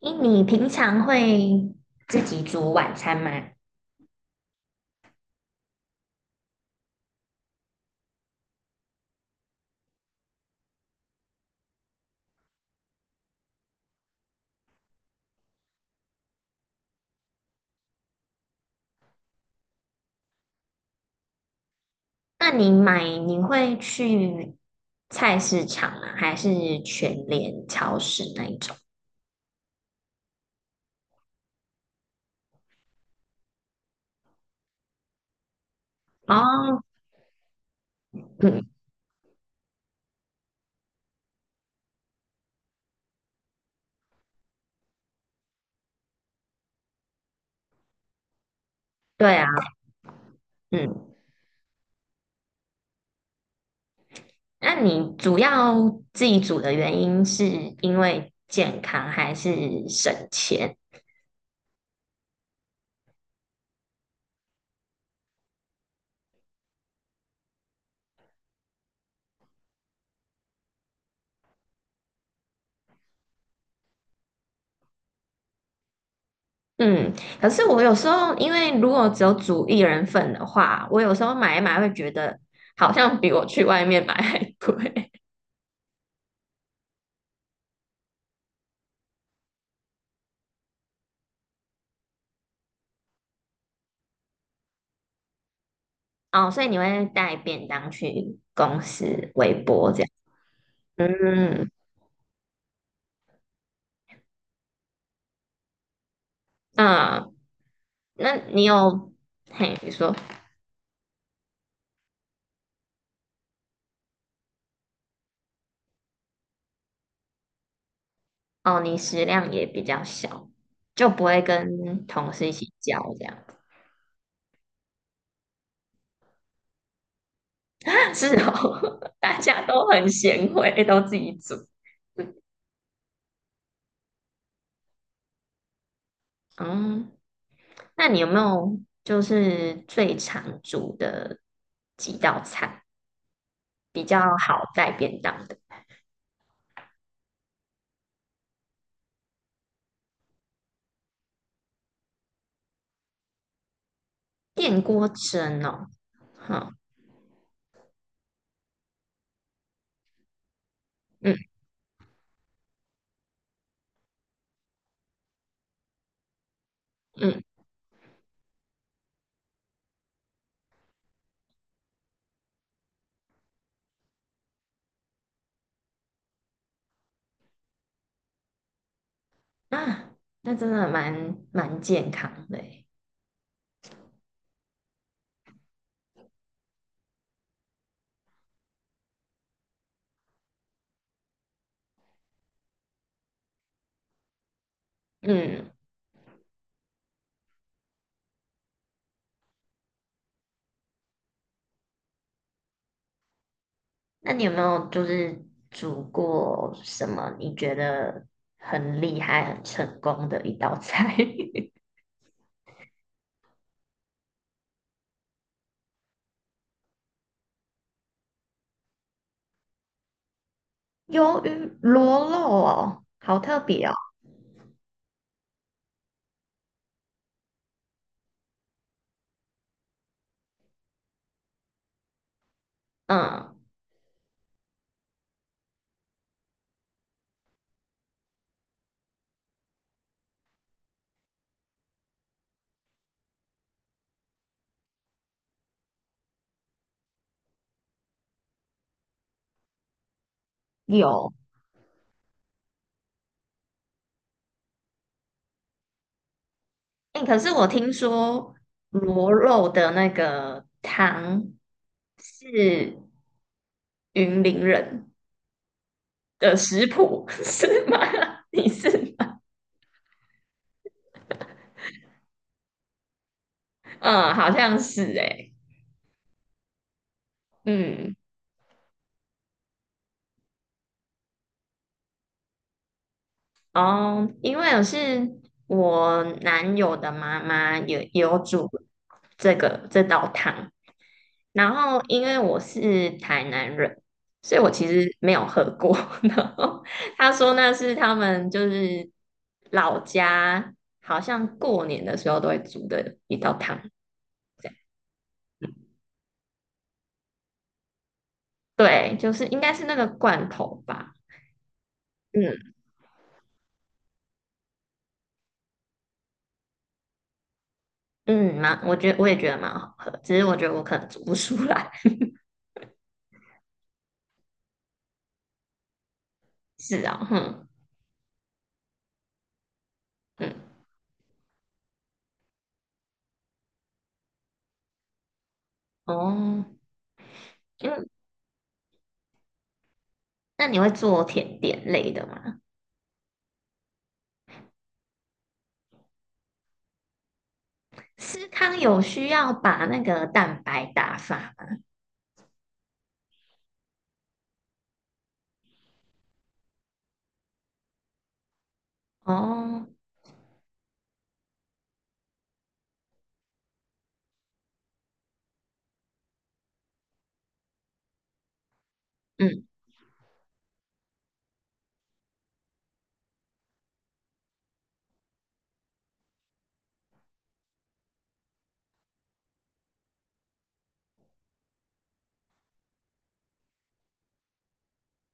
诶，你平常会自己煮晚餐吗？那你买你会去菜市场吗？还是全联超市那一种？哦，嗯，对啊，嗯，那你主要自己煮的原因是因为健康还是省钱？嗯，可是我有时候因为如果只有煮一人份的话，我有时候买一买会觉得好像比我去外面买还贵。哦，所以你会带便当去公司微波这样？嗯嗯，那你有，嘿，你说，哦，你食量也比较小，就不会跟同事一起叫这样。是哦，大家都很贤惠，都自己煮。嗯，那你有没有就是最常煮的几道菜比较好带便当的？电锅蒸哦，好，嗯嗯。啊，那真的蛮健康的欸嗯，那你有没有就是煮过什么你觉得很厉害、很成功的一道菜？鱿鱼螺肉哦，好特别哦。嗯，有。哎，可是我听说螺肉的那个汤是云林人的食谱，是吗？你是吗？嗯，好像是哎。嗯。哦，因为我是我男友的妈妈有煮这个这道汤，然后因为我是台南人，所以我其实没有喝过。然后他说那是他们就是老家好像过年的时候都会煮的一道汤，对，就是应该是那个罐头吧。嗯嗯，蛮，我觉得我也觉得蛮好喝，只是我觉得我可能煮不出来。是啊，哼、嗯，哦。那你会做甜点类的吗？司康有需要把那个蛋白打发吗？哦，嗯，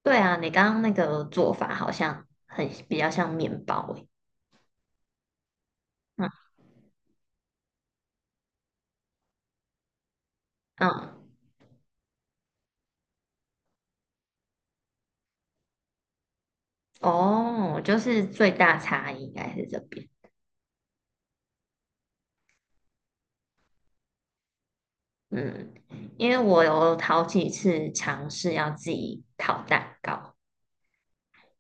对啊，你刚刚那个做法好像很比较像面包诶。嗯嗯，哦，就是最大差异应该是这边。嗯，因为我有好几次尝试要自己烤蛋糕，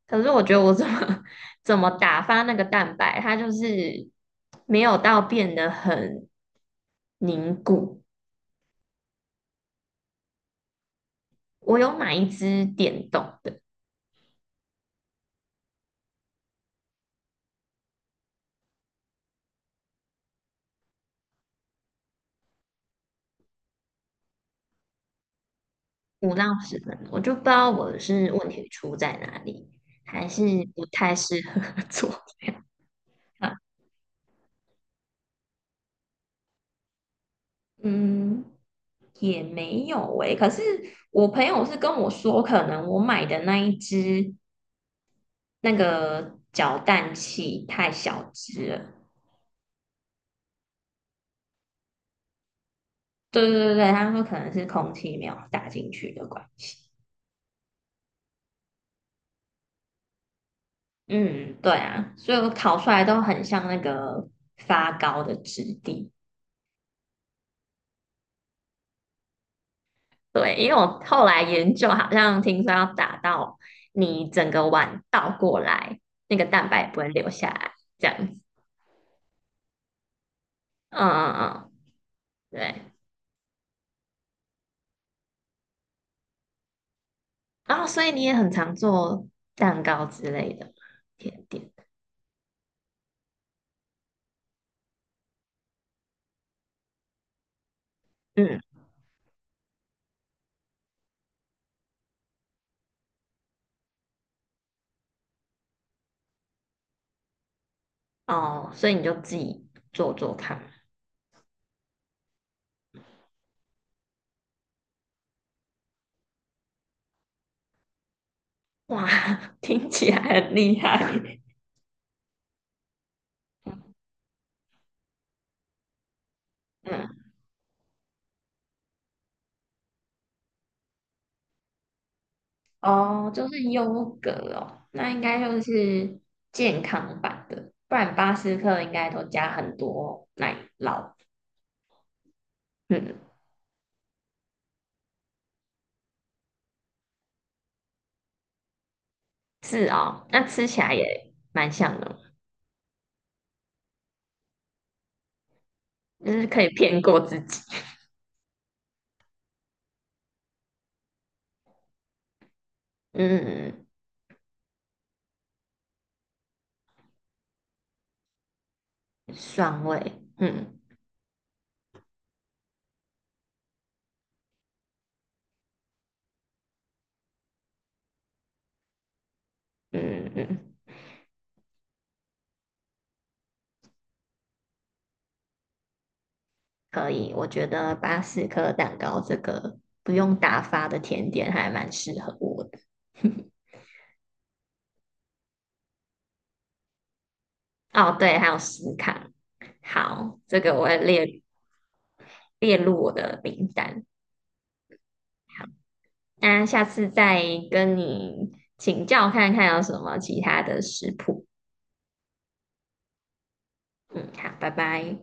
可是我觉得我怎么 怎么打发那个蛋白，它就是没有到变得很凝固。我有买一只电动的，5到10分钟，我就不知道我是问题出在哪里，还是不太适合 做这样啊 嗯，也没有诶、可是我朋友是跟我说，可能我买的那一只那个搅蛋器太小只了。对对对对，他说可能是空气没有打进去的关系。嗯，对啊，所以我烤出来都很像那个发糕的质地。对，因为我后来研究，好像听说要打到你整个碗倒过来，那个蛋白不会流下来，这样子。嗯嗯嗯，对。然后所以你也很常做蛋糕之类的甜点。嗯，哦，所以你就自己做做看。哇，听起来很厉害。嗯，哦，就是优格哦，那应该就是健康版的，不然巴斯克应该都加很多奶酪。嗯。是哦，那吃起来也蛮像的，就是可以骗过自己。嗯，酸味，嗯嗯嗯，可以。我觉得巴斯克蛋糕这个不用打发的甜点还蛮适合我的。哦，对，还有司康，好，这个我会列入我的名单。好，那下次再跟你请教看看有什么其他的食谱。嗯，好，拜拜。